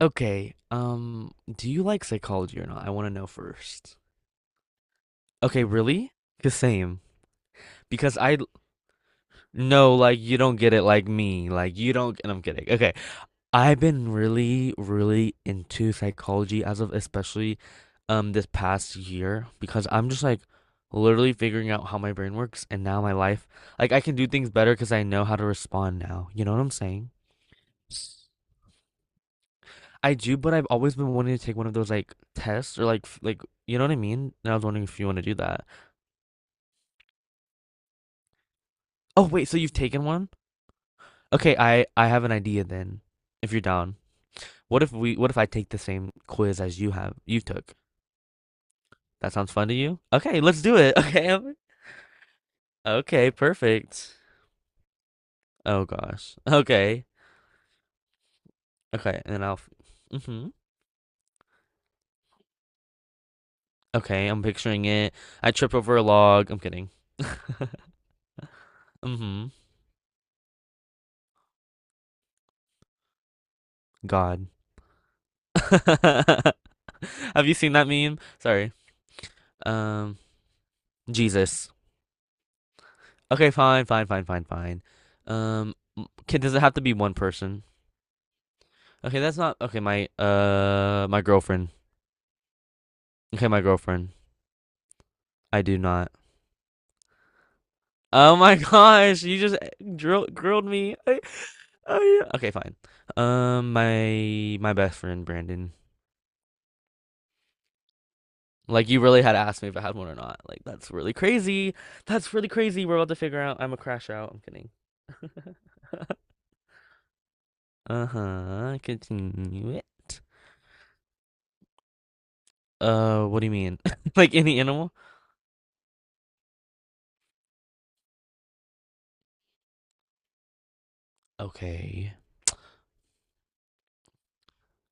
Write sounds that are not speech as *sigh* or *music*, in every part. Okay, do you like psychology or not? I want to know first. Okay, really? The same. Because I No, like you don't get it like me. Like you don't, and I'm kidding. Okay, I've been really, really into psychology as of especially this past year because I'm just like literally figuring out how my brain works and now my life, like I can do things better because I know how to respond now. You know what I'm saying? I do, but I've always been wanting to take one of those like tests or like like you know what I mean? And I was wondering if you want to do that. Oh wait, so you've taken one? Okay, I have an idea then. If you're down. What if I take the same quiz as you took? That sounds fun to you? Okay, let's do it. *laughs* Okay. Okay, perfect. Oh gosh. Okay. Okay, and then I'll. hmm Okay, I'm picturing it. I trip over a log. I'm kidding. *laughs* hmm God. *laughs* Have you seen that meme? Sorry. Um, Jesus. Okay, fine, fine, fine, fine, fine. Um, can does it have to be one person? Okay, that's not okay. My my girlfriend. Okay, my girlfriend. I do not. Oh my *laughs* gosh, you just grilled me. Okay, fine. My best friend Brandon. Like you really had asked me if I had one or not. Like that's really crazy. That's really crazy. We're about to figure out. I'm a crash out. I'm kidding. *laughs* Uh-huh. Continue it. What do you mean? *laughs* Like any animal? Okay.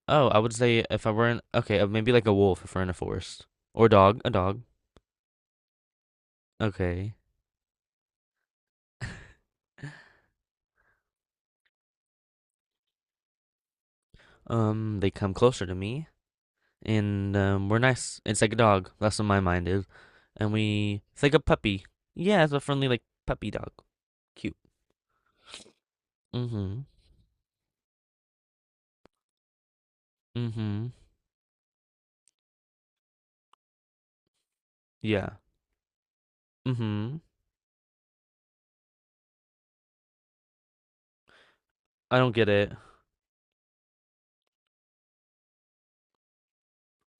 Oh, I would say if I were in okay, maybe like a wolf if we're in a forest. A dog. Okay. They come closer to me and we're nice. It's like a dog. That's what my mind is. And we it's like a puppy. Yeah, it's a friendly like puppy dog. Cute. Mm-hmm. Mm-hmm. Yeah. Mm-hmm. I don't get it.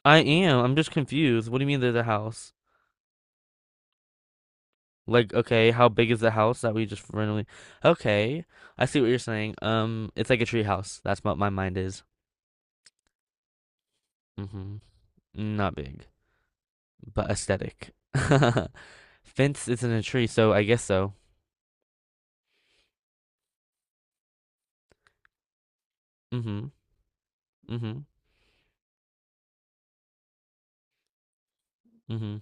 I am. I'm just confused. What do you mean they're the house? Like, okay, how big is the house that we just randomly? Okay, I see what you're saying. It's like a tree house. That's what my mind is. Mm-hmm. Not big, but aesthetic. *laughs* Fence isn't a tree, so I guess so. Mm-hmm. Mm-hmm. Mm-hmm.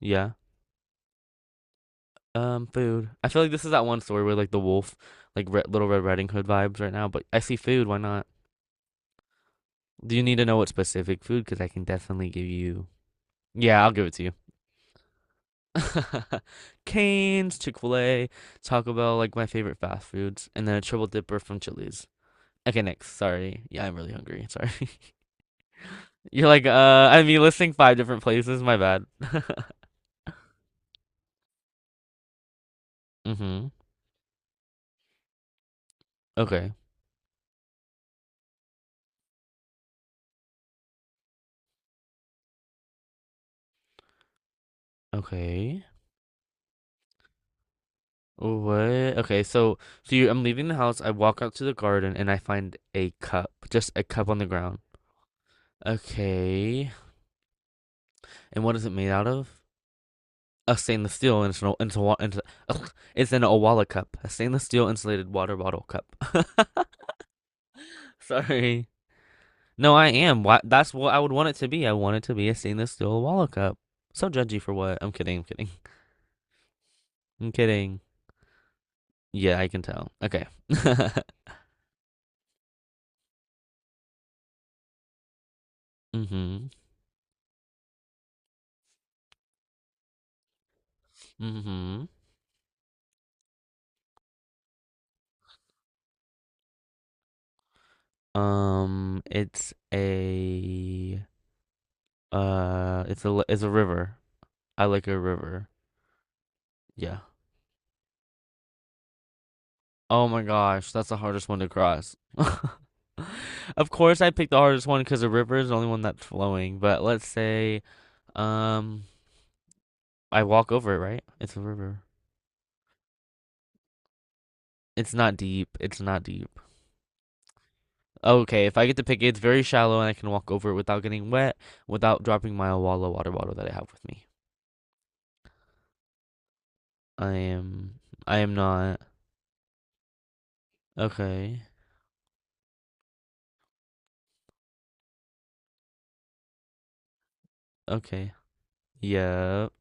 Yeah. Food. I feel like this is that one story where like the wolf, like Re Little Red Riding Hood vibes right now. But I see food. Why not? Do you need to know what specific food? Because I can definitely give you. Yeah, I'll give it to you. *laughs* Cane's, Chick-fil-A, Taco Bell, like my favorite fast foods, and then a triple dipper from Chili's. Okay, next. Sorry. Yeah, I'm really hungry. Sorry. *laughs* You're like, I mean, listing five different places. My bad. Mm-hmm. Okay. Okay. What? Okay, so I'm leaving the house. I walk out to the garden and I find a cup, just a cup on the ground. Okay. And what is it made out of? A stainless steel and a, it's an Owala cup, a stainless steel insulated water bottle cup. *laughs* *laughs* Sorry. No, I am. Why, that's what I would want it to be. I want it to be a stainless steel Wallow cup. So judgy for what? I'm kidding. I'm kidding. *laughs* I'm kidding. Yeah, I can tell. Okay. *laughs* mm-hmm. Mm-hmm. Um, it's a it's a river. I like a river. Yeah. Oh my gosh, that's the hardest one to cross. *laughs* Of course, I picked the hardest one because the river is the only one that's flowing. But let's say, um, I walk over it, right? It's a river. It's not deep. It's not deep. Okay, if I get to pick, it, it's very shallow and I can walk over it without getting wet, without dropping my Awala water bottle that I have with me. I am. I am not. Okay. Okay. Yep.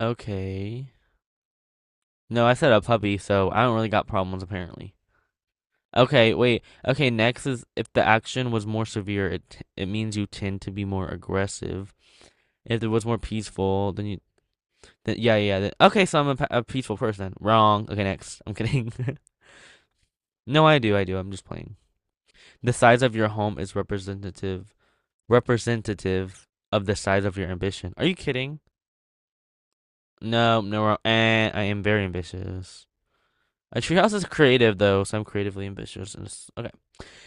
Okay. No, I said a puppy, so I don't really got problems apparently. Okay, wait. Okay, next is if the action was more severe, it means you tend to be more aggressive. If it was more peaceful, then you. Then, yeah, yeah. Then, okay, so I'm a peaceful person. Wrong. Okay, next. I'm kidding. *laughs* No, I do. I do. I'm just playing. The size of your home is representative of the size of your ambition. Are you kidding? No, no. we Eh, I am very ambitious. A treehouse is creative though, so I'm creatively ambitious. Okay.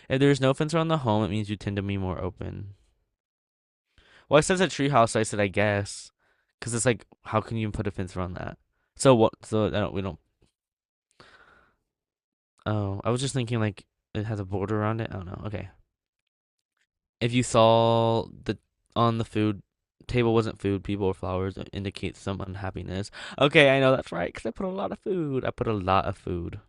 If there is no fence around the home, it means you tend to be more open. Well, it says a treehouse, so I said I guess, because it's like, how can you put a fence around that? So what? So I don't. We don't. Oh, I was just thinking like it has a border around it. I don't know. Okay. if you saw the on the food table wasn't food, people or flowers, it indicates some unhappiness. Okay, I know that's right because I put a lot of food. I put a lot of food.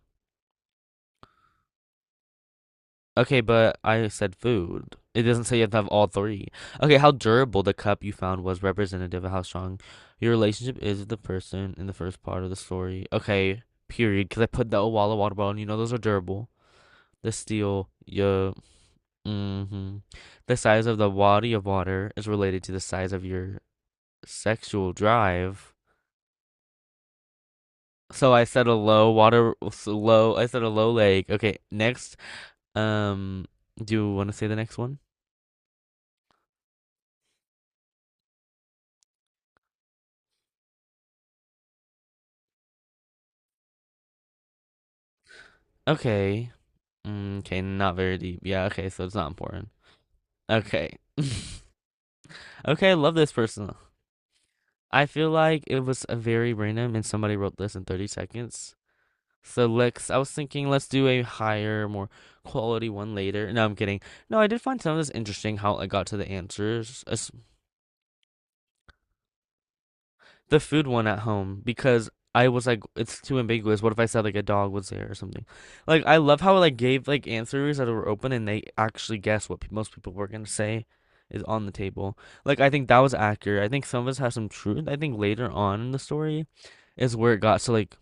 Okay, but I said food. It doesn't say you have to have all three. Okay, how durable the cup you found was representative of how strong your relationship is with the person in the first part of the story. Okay, period. Because I put the Owala water bottle, and you know those are durable. The steel, yeah. Mm-hmm. The size of the body of water is related to the size of your sexual drive. So I said a low water, so low. I said a low lake. Okay, next. Um, do you want to say the next one? Okay. Mm, okay, not very deep. Yeah. Okay, so it's not important. Okay. *laughs* Okay, I love this person. I feel like it was a very random, and somebody wrote this in 30 seconds. So let's. I was thinking let's do a higher, more quality one later. No, I'm kidding. No, I did find some of this interesting how I got to the answers, the food one at home because I was like, it's too ambiguous. What if I said like a dog was there or something? Like I love how it like gave like answers that were open and they actually guessed what pe most people were gonna say is on the table. Like I think that was accurate. I think some of us have some truth. I think later on in the story is where it got to like,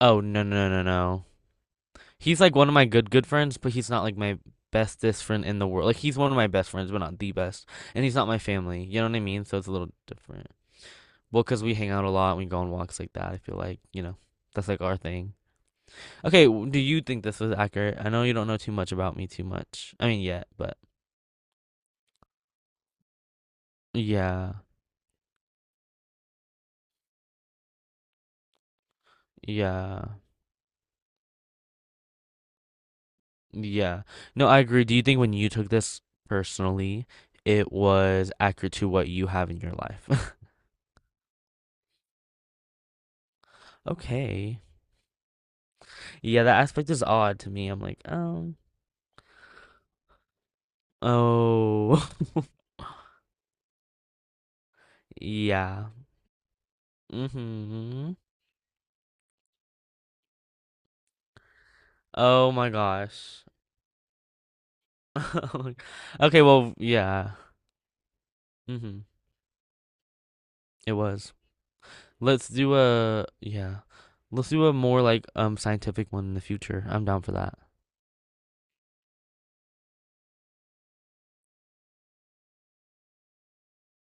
oh no no no no. no. He's like one of my good friends, but he's not like my bestest friend in the world. Like he's one of my best friends, but not the best. And he's not my family. You know what I mean? So it's a little different. Well, because we hang out a lot, we go on walks like that. I feel like, you know, that's like our thing. Okay, do you think this was accurate? I know you don't know too much about me too much. I mean, yet, but yeah, yeah, yeah. No, I agree. Do you think when you took this personally, it was accurate to what you have in your life? *laughs* Okay. Yeah, that aspect is odd to me. Oh, *laughs* yeah. Mm-hmm. Oh my gosh. *laughs* Okay, well, yeah. Mm-hmm. It was. Let's do a yeah. Let's do a more like scientific one in the future. I'm down for that.